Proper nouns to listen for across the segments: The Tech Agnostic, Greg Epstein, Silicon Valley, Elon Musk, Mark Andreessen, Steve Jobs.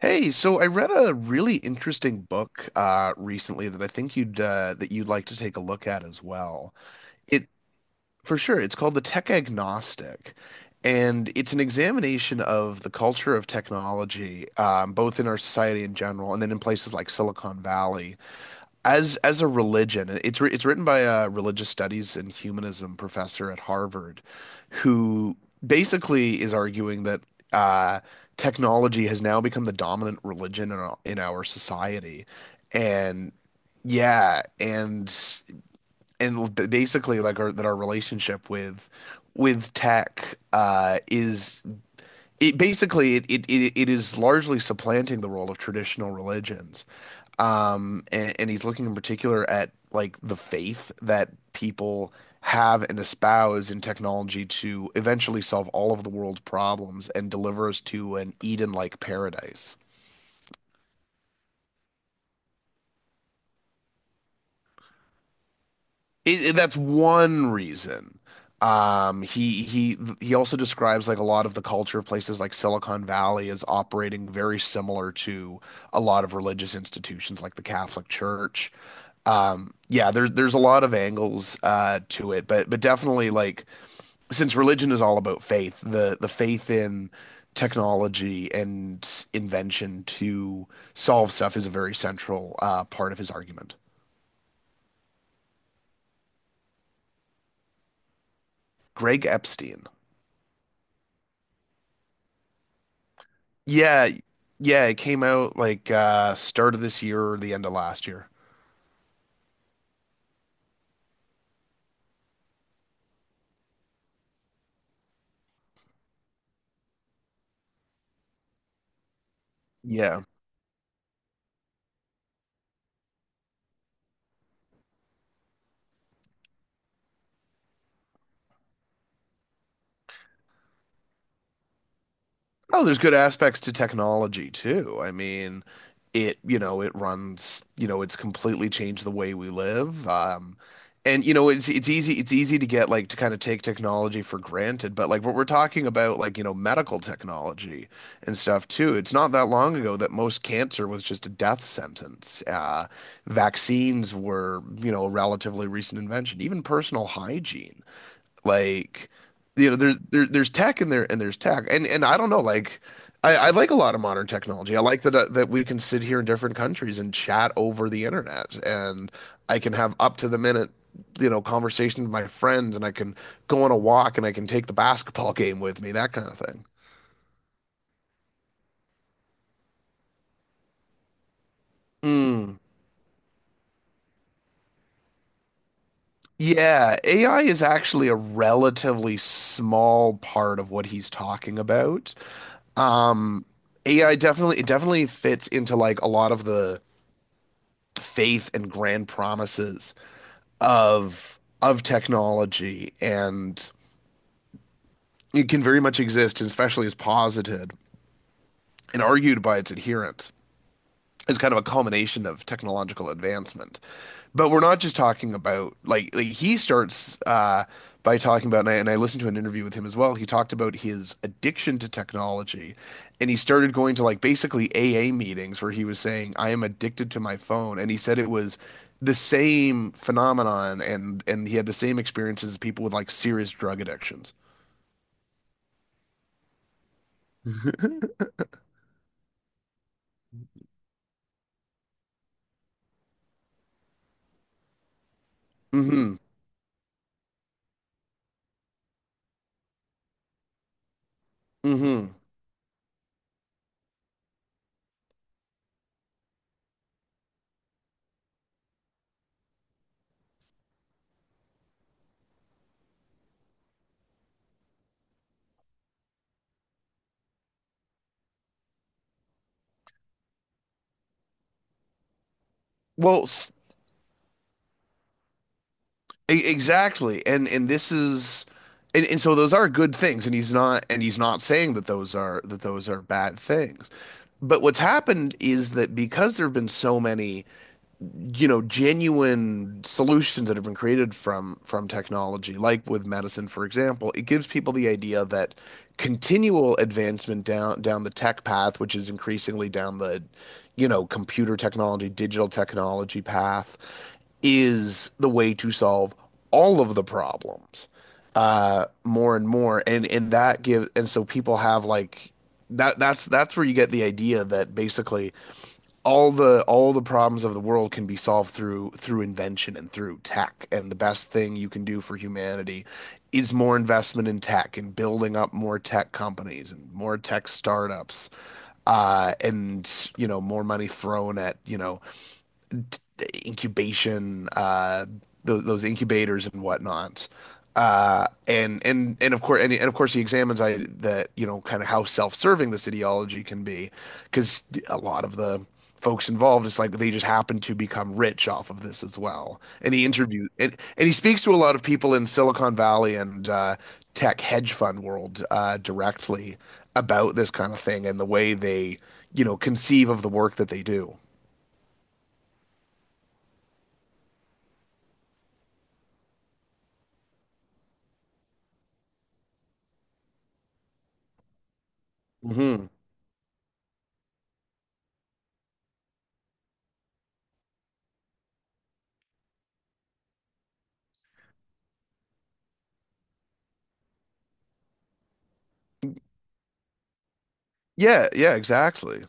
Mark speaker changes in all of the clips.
Speaker 1: Hey, so I read a really interesting book recently that I think you'd that you'd like to take a look at as well. It For sure, it's called The Tech Agnostic, and it's an examination of the culture of technology, both in our society in general and then in places like Silicon Valley as a religion. It's written by a religious studies and humanism professor at Harvard who basically is arguing that uh, technology has now become the dominant religion in our society. And yeah and basically like our relationship with tech is it, it is largely supplanting the role of traditional religions. And he's looking in particular at like the faith that people have and espouse in technology to eventually solve all of the world's problems and deliver us to an Eden-like paradise. That's one reason. He also describes like a lot of the culture of places like Silicon Valley is operating very similar to a lot of religious institutions like the Catholic Church. Yeah, there's a lot of angles to it, but definitely like since religion is all about faith, the faith in technology and invention to solve stuff is a very central part of his argument. Greg Epstein. Yeah, yeah, it came out like start of this year or the end of last year. Yeah. Oh, there's good aspects to technology too. I mean, it, you know, it runs, it's completely changed the way we live. And you know, it's easy to get like to kind of take technology for granted, but like what we're talking about, like, you know, medical technology and stuff too. It's not that long ago that most cancer was just a death sentence. Vaccines were, you know, a relatively recent invention, even personal hygiene. Like, you know, there's there's tech and there and there's tech, and I don't know, like, I like a lot of modern technology. I like that that we can sit here in different countries and chat over the internet, and I can have up to the minute, you know, conversation with my friends, and I can go on a walk, and I can take the basketball game with me, that kind of thing. Mm. Yeah, AI is actually a relatively small part of what he's talking about. Um, AI definitely it definitely fits into like a lot of the faith and grand promises of technology, and it can very much exist, especially as posited and argued by its adherents, is kind of a culmination of technological advancement. But we're not just talking about like he starts by talking about, and I listened to an interview with him as well. He talked about his addiction to technology, and he started going to like basically AA meetings where he was saying, "I am addicted to my phone," and he said it was the same phenomenon, and he had the same experiences as people with like serious drug addictions. Mm-hmm. Mm-hmm. Well, exactly. And this is and so those are good things, and he's not, saying that those are, bad things. But what's happened is that because there have been so many, you know, genuine solutions that have been created from technology, like with medicine for example, it gives people the idea that continual advancement down the tech path, which is increasingly down the, you know, computer technology, digital technology path, is the way to solve all of the problems, more and more. And that gives and so people have like that's where you get the idea that basically all the problems of the world can be solved through invention and through tech, and the best thing you can do for humanity is more investment in tech and building up more tech companies and more tech startups, and you know, more money thrown at, you know, incubation, those incubators and whatnot. And and, of course he examines I that you know, kind of how self-serving this ideology can be, because a lot of the folks involved, it's like they just happen to become rich off of this as well. And he speaks to a lot of people in Silicon Valley, and tech hedge fund world, directly about this kind of thing and the way they, you know, conceive of the work that they do. Hmm. Yeah, yeah, exactly.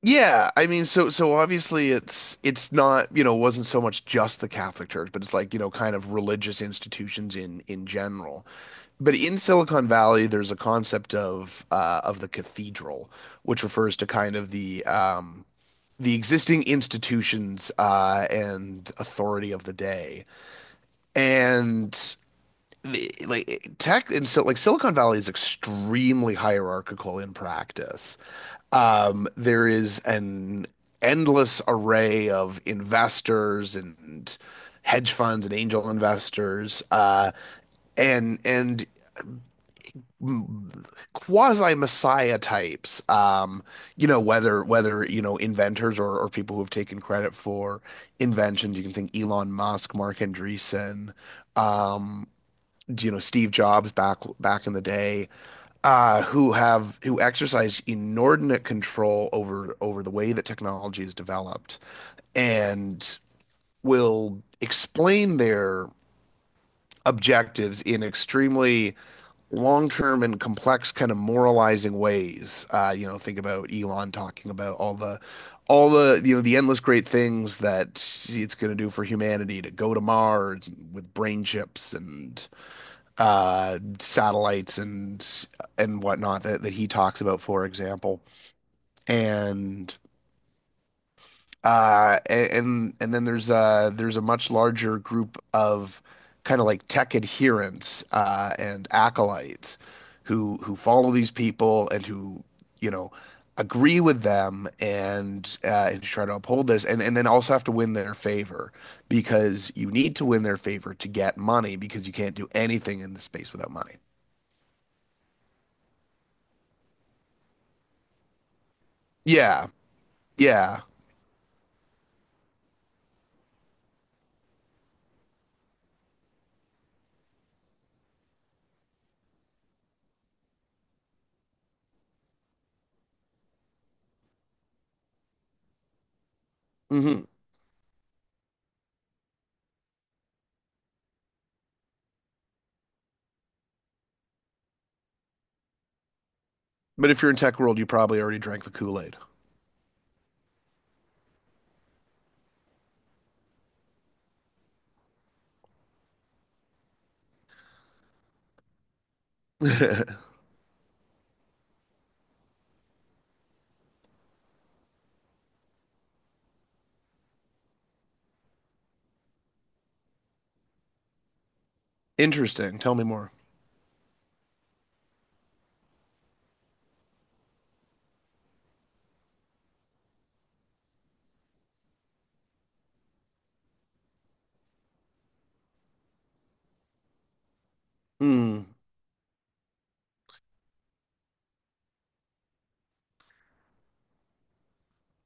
Speaker 1: Yeah, I mean, so obviously it's not, you know, wasn't so much just the Catholic Church, but it's like, you know, kind of religious institutions in general. But in Silicon Valley, there's a concept of the cathedral, which refers to kind of the existing institutions and authority of the day. And like tech, and so like Silicon Valley is extremely hierarchical in practice. There is an endless array of investors and hedge funds and angel investors, and quasi messiah types. You know, whether, you know, inventors or people who have taken credit for inventions. You can think Elon Musk, Mark Andreessen, um, you know, Steve Jobs, back in the day, who have, who exercise inordinate control over the way that technology is developed and will explain their objectives in extremely long-term and complex kind of moralizing ways. Uh, you know, think about Elon talking about all the, you know, the endless great things that it's going to do for humanity, to go to Mars with brain chips and satellites and whatnot that, he talks about, for example. And uh, then there's a, much larger group of kind of like tech adherents and acolytes who follow these people and who, you know, agree with them and try to uphold this, and then also have to win their favor, because you need to win their favor to get money, because you can't do anything in the space without money. Yeah. Yeah. Hmm. But if you're in tech world, you probably already drank the Kool Aid. Interesting. Tell me more. Mm.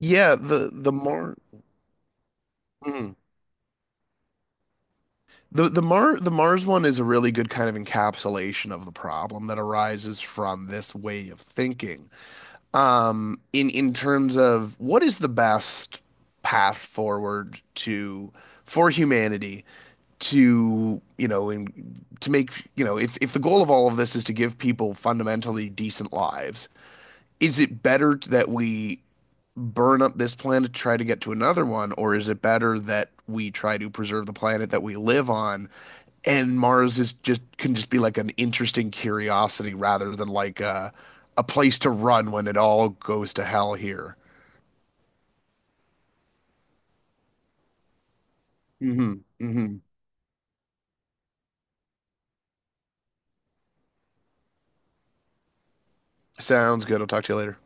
Speaker 1: Yeah. The more Mm. The Mars one is a really good kind of encapsulation of the problem that arises from this way of thinking. In terms of what is the best path forward to for humanity to you know in, to make, you know, if the goal of all of this is to give people fundamentally decent lives, is it better that we burn up this planet to try to get to another one, or is it better that we try to preserve the planet that we live on? And Mars is just, can just be like an interesting curiosity rather than like a, place to run when it all goes to hell here. Hmm. Hmm. Sounds good. I'll talk to you later.